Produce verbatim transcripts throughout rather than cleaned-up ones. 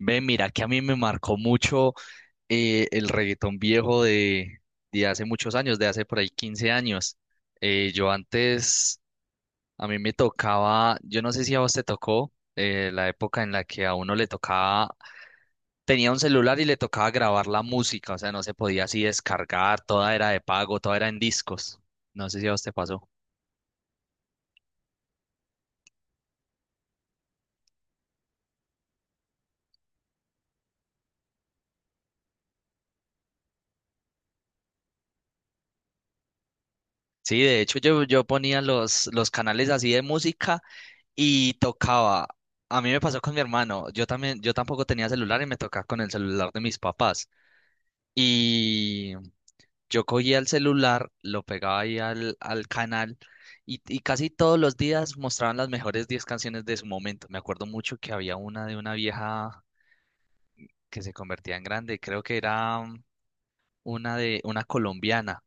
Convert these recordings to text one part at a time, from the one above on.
Ve, mira que a mí me marcó mucho eh, el reggaetón viejo de, de hace muchos años, de hace por ahí quince años. Eh, yo antes, a mí me tocaba, yo no sé si a vos te tocó eh, la época en la que a uno le tocaba, tenía un celular y le tocaba grabar la música, o sea, no se podía así descargar, toda era de pago, toda era en discos. No sé si a vos te pasó. Sí, de hecho yo, yo ponía los, los canales así de música. Y tocaba, a mí me pasó con mi hermano, yo también, yo tampoco tenía celular y me tocaba con el celular de mis papás. Y yo cogía el celular, lo pegaba ahí al, al canal y, y casi todos los días mostraban las mejores diez canciones de su momento. Me acuerdo mucho que había una de una vieja que se convertía en grande, creo que era mm, una de una colombiana,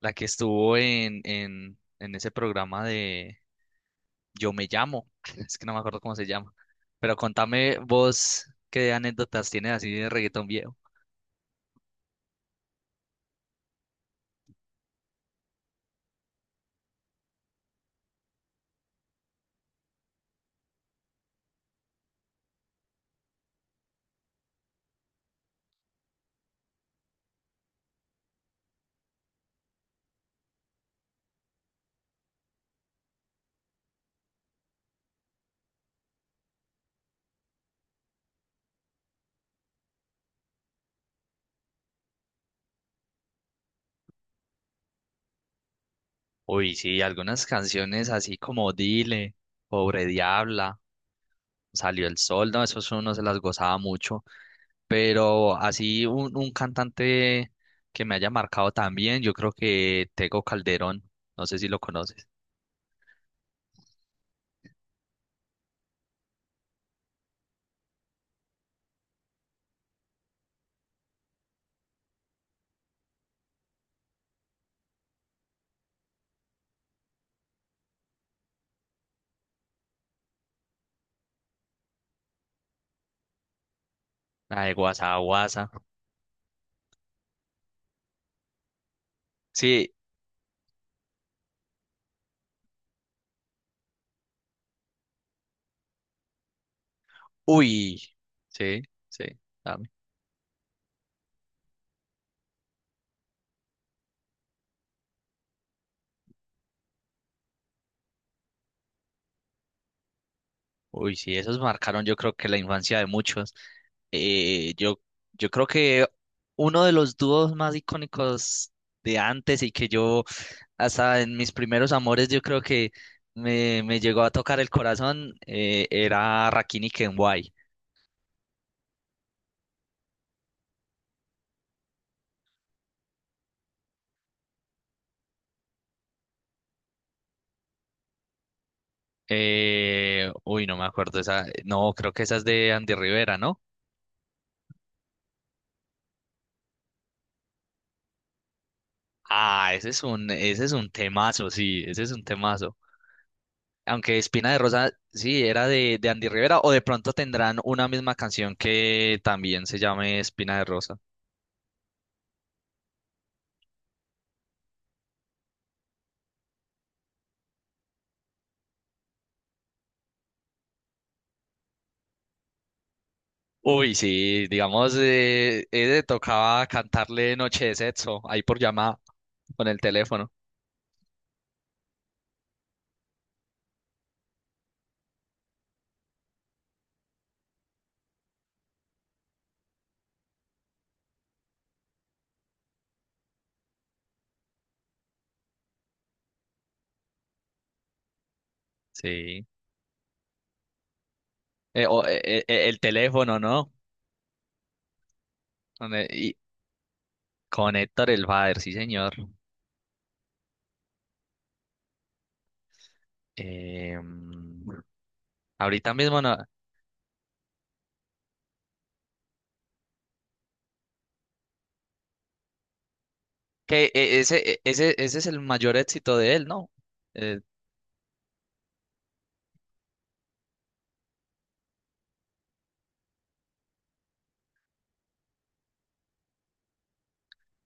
la que estuvo en, en, en ese programa de Yo Me Llamo, es que no me acuerdo cómo se llama. Pero contame vos qué anécdotas tienes así de reggaetón viejo. Uy, sí, algunas canciones así como Dile, Pobre Diabla, Salió el Sol, no, esos uno se las gozaba mucho. Pero así un, un cantante que me haya marcado también, yo creo que Tego Calderón, no sé si lo conoces. La de Guasa Guasa. Sí, uy, sí, sí, dame. Uy, sí, esos marcaron yo creo que la infancia de muchos. Eh, yo, yo creo que uno de los dúos más icónicos de antes y que yo hasta en mis primeros amores yo creo que me, me llegó a tocar el corazón, eh, era Rakim y Kenway. Eh, uy, no me acuerdo esa, no, creo que esa es de Andy Rivera, ¿no? Ah, ese es un, ese es un temazo, sí, ese es un temazo. Aunque Espina de Rosa, sí, era de, de Andy Rivera, o de pronto tendrán una misma canción que también se llame Espina de Rosa. Uy, sí, digamos, eh, eh, tocaba cantarle Noche de Sexo ahí por llamada con el teléfono. Sí. Eh, o, eh, eh, eh, el teléfono, ¿no? Con, eh, y, con Héctor el Father, sí, señor. Eh, mm, Ahorita mismo no. Que eh, ese, eh, ese, ese es el mayor éxito de él, ¿no? Eh,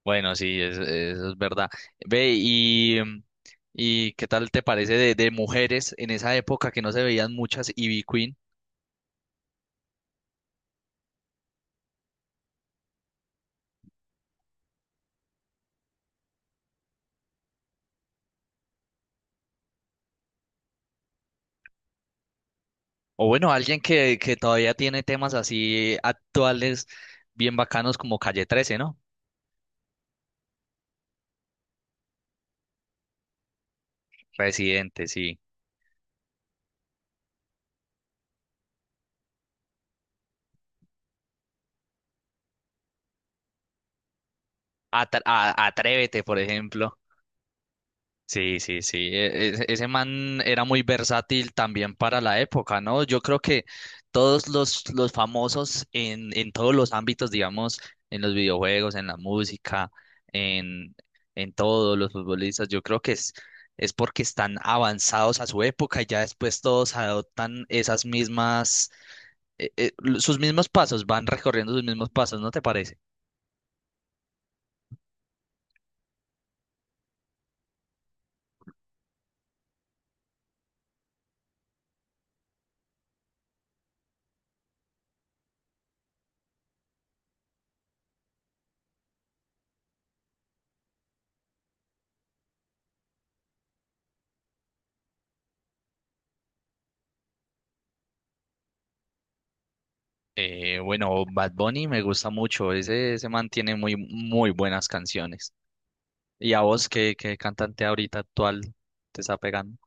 bueno, sí, es- eso es verdad. Ve, y, mm, y ¿qué tal te parece de, de mujeres en esa época que no se veían muchas, y B-Queen? O bueno, alguien que, que todavía tiene temas así actuales, bien bacanos como Calle trece, ¿no? Residente, sí. Atra- a- Atrévete, por ejemplo. Sí, sí, sí. e- e- Ese man era muy versátil también para la época, ¿no? Yo creo que todos los, los famosos en, en todos los ámbitos, digamos, en los videojuegos, en la música, en, en todos los futbolistas, yo creo que es, es porque están avanzados a su época y ya después todos adoptan esas mismas, eh, eh, sus mismos pasos, van recorriendo sus mismos pasos, ¿no te parece? Eh, bueno, Bad Bunny me gusta mucho, ese, ese man tiene muy, muy buenas canciones. Y a vos, ¿qué, qué cantante ahorita actual te está pegando?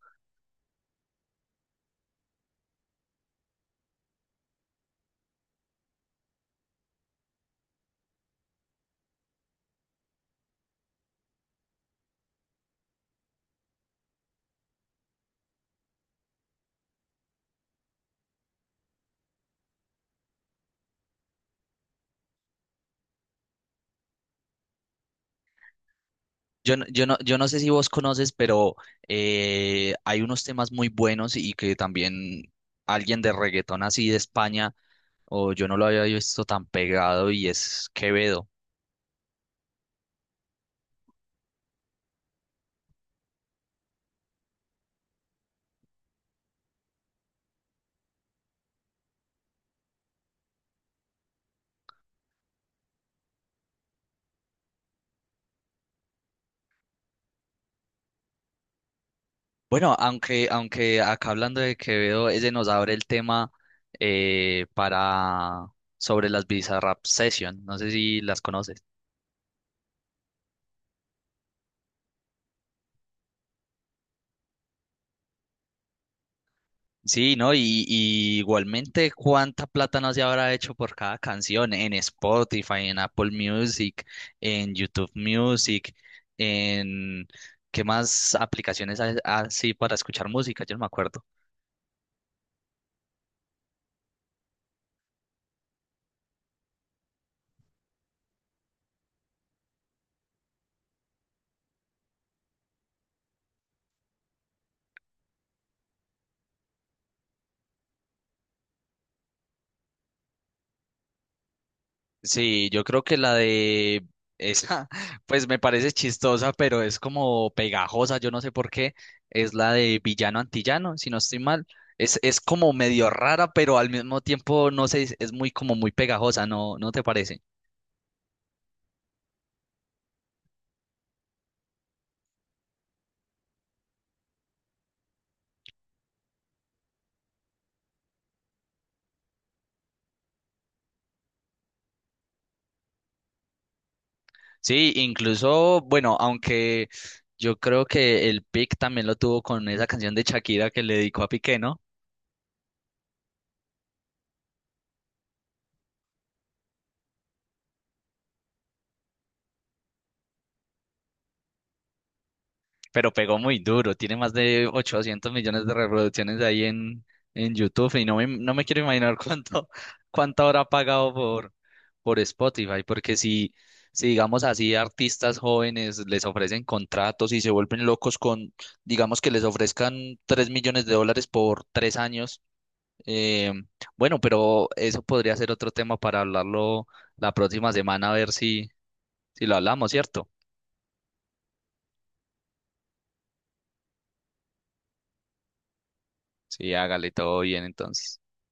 Yo, no- yo, no, yo no sé si vos conoces, pero eh, hay unos temas muy buenos y que también alguien de reggaetón así de España, o yo no lo había visto tan pegado, y es Quevedo. Bueno, aunque, aunque acá hablando de Quevedo, ese nos abre el tema, eh, para sobre las Bizarrap Session. No sé si las conoces. Sí, ¿no? Y, y igualmente, ¿cuánta plata no se habrá hecho por cada canción en Spotify, en Apple Music, en YouTube Music, en qué más aplicaciones hay así para escuchar música? Yo no me acuerdo. Sí, yo creo que la de esa, pues me parece chistosa, pero es como pegajosa, yo no sé por qué, es la de Villano Antillano, si no estoy mal. Es, es como medio rara, pero al mismo tiempo, no sé, es es muy como muy pegajosa, ¿no, no te parece? Sí, incluso, bueno, aunque yo creo que el pick también lo tuvo con esa canción de Shakira que le dedicó a Piqué, ¿no? Pero pegó muy duro, tiene más de ochocientos millones de reproducciones ahí en, en YouTube y no me, no me quiero imaginar cuánto, cuánto habrá pagado por, por Spotify, porque si, si digamos así, artistas jóvenes les ofrecen contratos y se vuelven locos con, digamos que les ofrezcan tres millones de dólares por tres años. Eh, bueno, pero eso podría ser otro tema para hablarlo la próxima semana, a ver si, si lo hablamos, ¿cierto? Sí, hágale todo bien entonces.